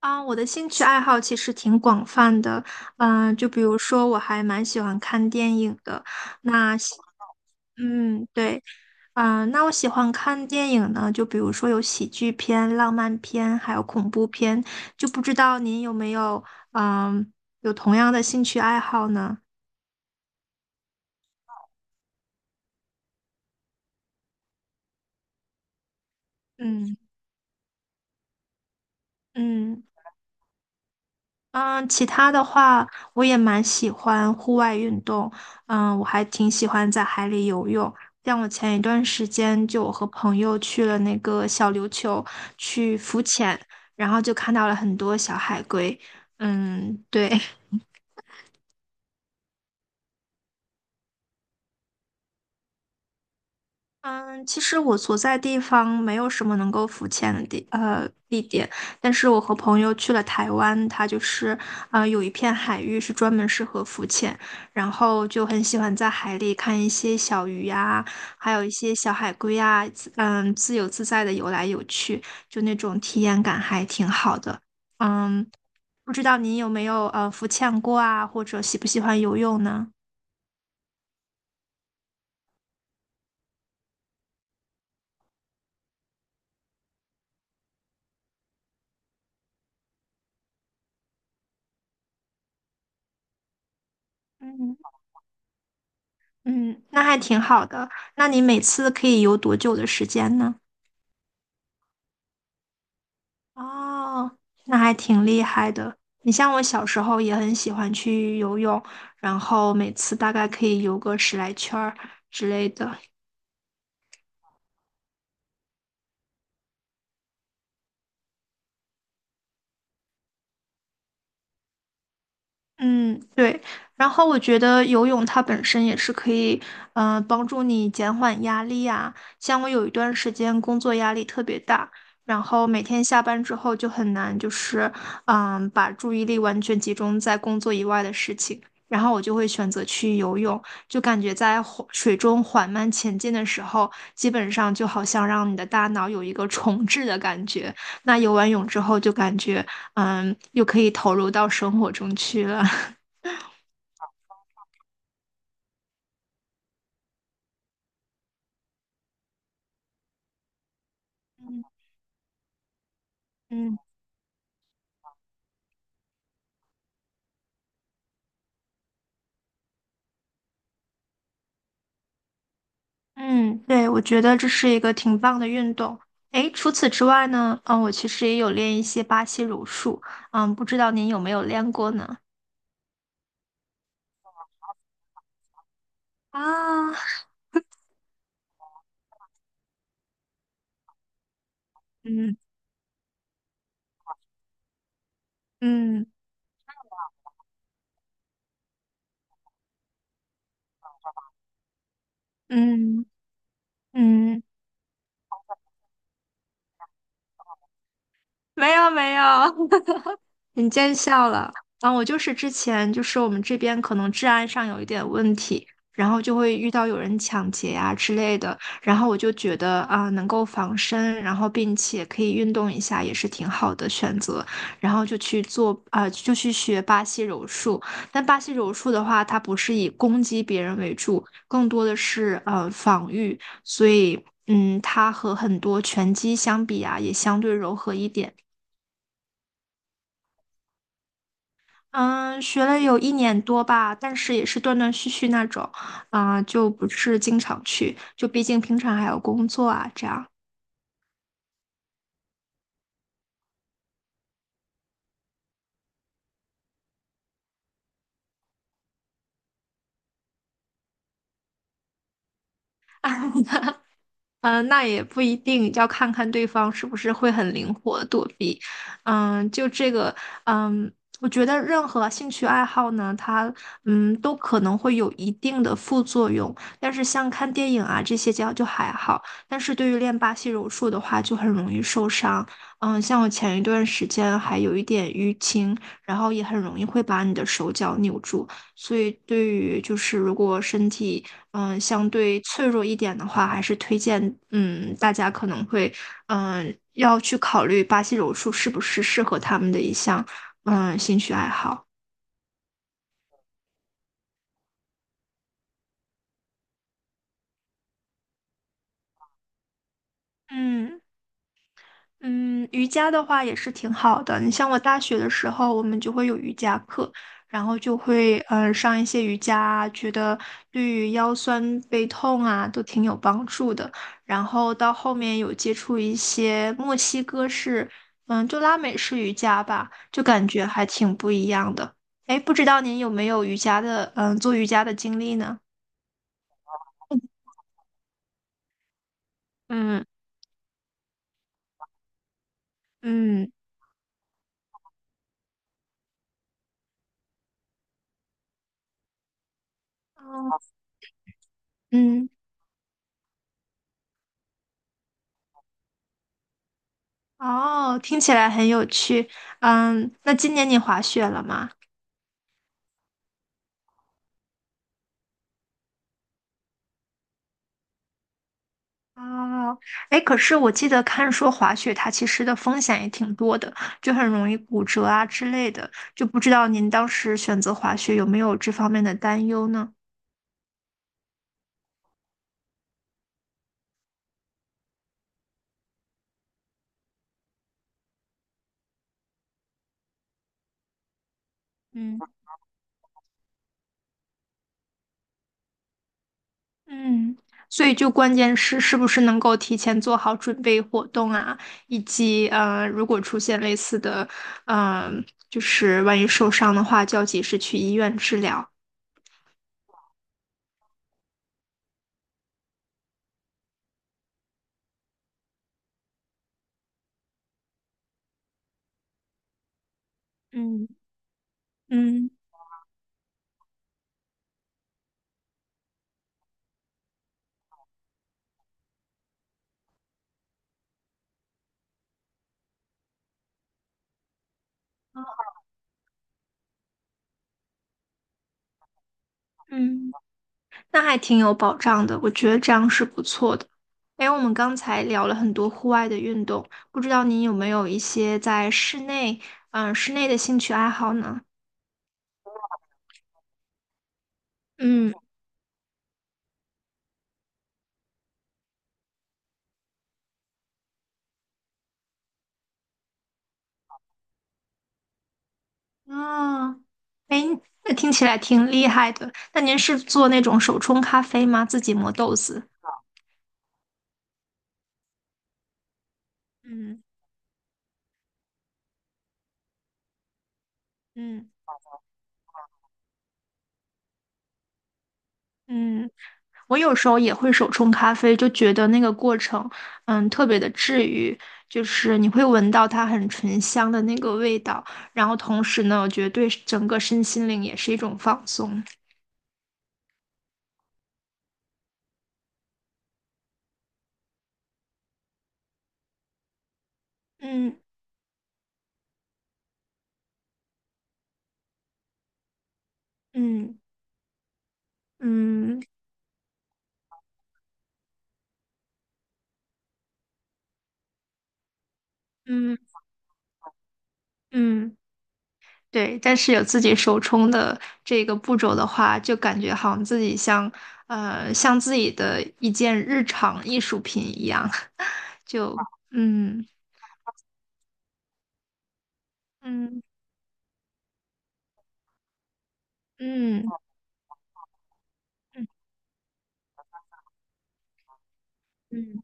啊，我的兴趣爱好其实挺广泛的，就比如说我还蛮喜欢看电影的，那喜，嗯，对，那我喜欢看电影呢，就比如说有喜剧片、浪漫片，还有恐怖片，就不知道您有没有，嗯、有同样的兴趣爱好呢？嗯嗯。嗯，其他的话，我也蛮喜欢户外运动。嗯，我还挺喜欢在海里游泳。像我前一段时间，就我和朋友去了那个小琉球去浮潜，然后就看到了很多小海龟。嗯，对。嗯，其实我所在地方没有什么能够浮潜的地点，但是我和朋友去了台湾，它就是有一片海域是专门适合浮潜，然后就很喜欢在海里看一些小鱼呀、还有一些小海龟呀、自由自在的游来游去，就那种体验感还挺好的。嗯，不知道您有没有浮潜过啊，或者喜不喜欢游泳呢？嗯。嗯，那还挺好的。那你每次可以游多久的时间呢？哦，那还挺厉害的。你像我小时候也很喜欢去游泳，然后每次大概可以游个十来圈儿之类的。嗯，对。然后我觉得游泳它本身也是可以，帮助你减缓压力啊。像我有一段时间工作压力特别大，然后每天下班之后就很难，就是把注意力完全集中在工作以外的事情。然后我就会选择去游泳，就感觉在缓水中缓慢前进的时候，基本上就好像让你的大脑有一个重置的感觉。那游完泳之后，就感觉又可以投入到生活中去了。嗯嗯，嗯，对，我觉得这是一个挺棒的运动。诶，除此之外呢，我其实也有练一些巴西柔术，嗯，不知道您有没有练过呢？啊，嗯嗯嗯嗯，没有没有，你见笑了啊！我就是之前就是我们这边可能治安上有一点问题，然后就会遇到有人抢劫呀、之类的，然后我就觉得啊，能够防身，然后并且可以运动一下，也是挺好的选择。然后就去做啊、就去学巴西柔术。但巴西柔术的话，它不是以攻击别人为主，更多的是防御，所以嗯，它和很多拳击相比啊，也相对柔和一点。嗯，学了有一年多吧，但是也是断断续续那种，啊、就不是经常去，就毕竟平常还有工作啊，这样。嗯，那也不一定，要看看对方是不是会很灵活躲避。嗯，就这个，嗯，我觉得任何兴趣爱好呢，它都可能会有一定的副作用，但是像看电影啊这些就还好，但是对于练巴西柔术的话，就很容易受伤。嗯，像我前一段时间还有一点淤青，然后也很容易会把你的手脚扭住。所以，对于就是如果身体相对脆弱一点的话，还是推荐大家可能会要去考虑巴西柔术是不是适合他们的一项兴趣爱好。嗯。嗯，瑜伽的话也是挺好的。你像我大学的时候，我们就会有瑜伽课，然后就会上一些瑜伽啊觉得对于腰酸背痛啊都挺有帮助的。然后到后面有接触一些墨西哥式，就拉美式瑜伽吧，就感觉还挺不一样的。哎，不知道您有没有瑜伽的，做瑜伽的经历呢？嗯。嗯嗯。哦，听起来很有趣。嗯，那今年你滑雪了吗？哦，哎，可是我记得看说滑雪它其实的风险也挺多的，就很容易骨折啊之类的。就不知道您当时选择滑雪有没有这方面的担忧呢？嗯嗯，所以就关键是是不是能够提前做好准备活动啊，以及如果出现类似的，就是万一受伤的话，就要及时去医院治疗。嗯嗯嗯。那还挺有保障的，我觉得这样是不错的。哎，我们刚才聊了很多户外的运动，不知道您有没有一些在室内，室内的兴趣爱好呢？嗯，啊，哎，那听起来挺厉害的。那您是做那种手冲咖啡吗？自己磨豆子？嗯嗯。嗯，我有时候也会手冲咖啡，就觉得那个过程，特别的治愈，就是你会闻到它很醇香的那个味道，然后同时呢，我觉得对整个身心灵也是一种放松。嗯嗯嗯嗯嗯，对。但是有自己手冲的这个步骤的话，就感觉好像自己像自己的一件日常艺术品一样，就嗯嗯嗯嗯。嗯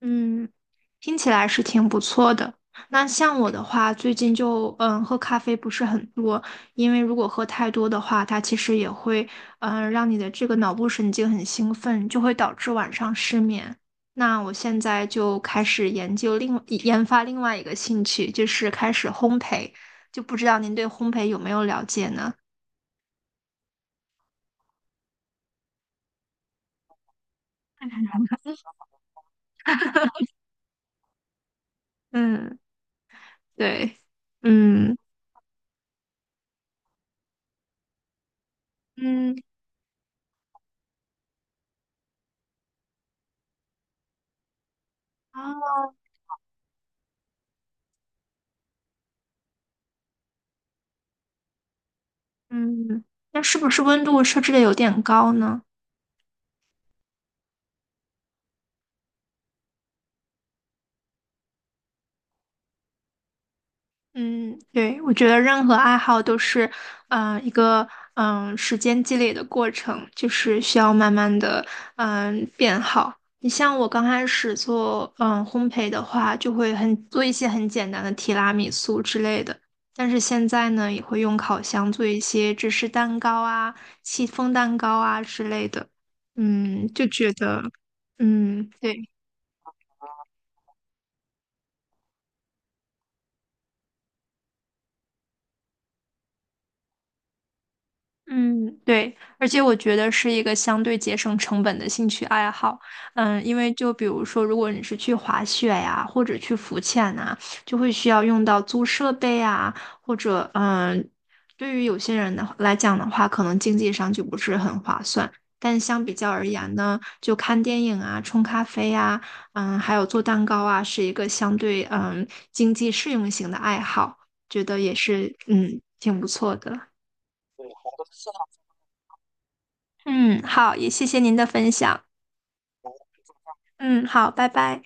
嗯，听起来是挺不错的。那像我的话，最近就喝咖啡不是很多，因为如果喝太多的话，它其实也会让你的这个脑部神经很兴奋，就会导致晚上失眠。那我现在就开始研究另研发另外一个兴趣，就是开始烘焙，就不知道您对烘焙有没有了解呢？嗯，对，嗯嗯，哦，嗯，那是不是温度设置的有点高呢？嗯，对，我觉得任何爱好都是，一个时间积累的过程，就是需要慢慢的变好。你像我刚开始做烘焙的话，就会很做一些很简单的提拉米苏之类的，但是现在呢，也会用烤箱做一些芝士蛋糕啊、戚风蛋糕啊之类的。嗯，就觉得，嗯，对。嗯，对，而且我觉得是一个相对节省成本的兴趣爱好。嗯，因为就比如说，如果你是去滑雪呀，或者去浮潜呐，就会需要用到租设备啊，或者对于有些人的来讲的话，可能经济上就不是很划算。但相比较而言呢，就看电影啊、冲咖啡啊、还有做蛋糕啊，是一个相对经济适用型的爱好，觉得也是挺不错的。嗯，好，也谢谢您的分享。嗯，好，拜拜。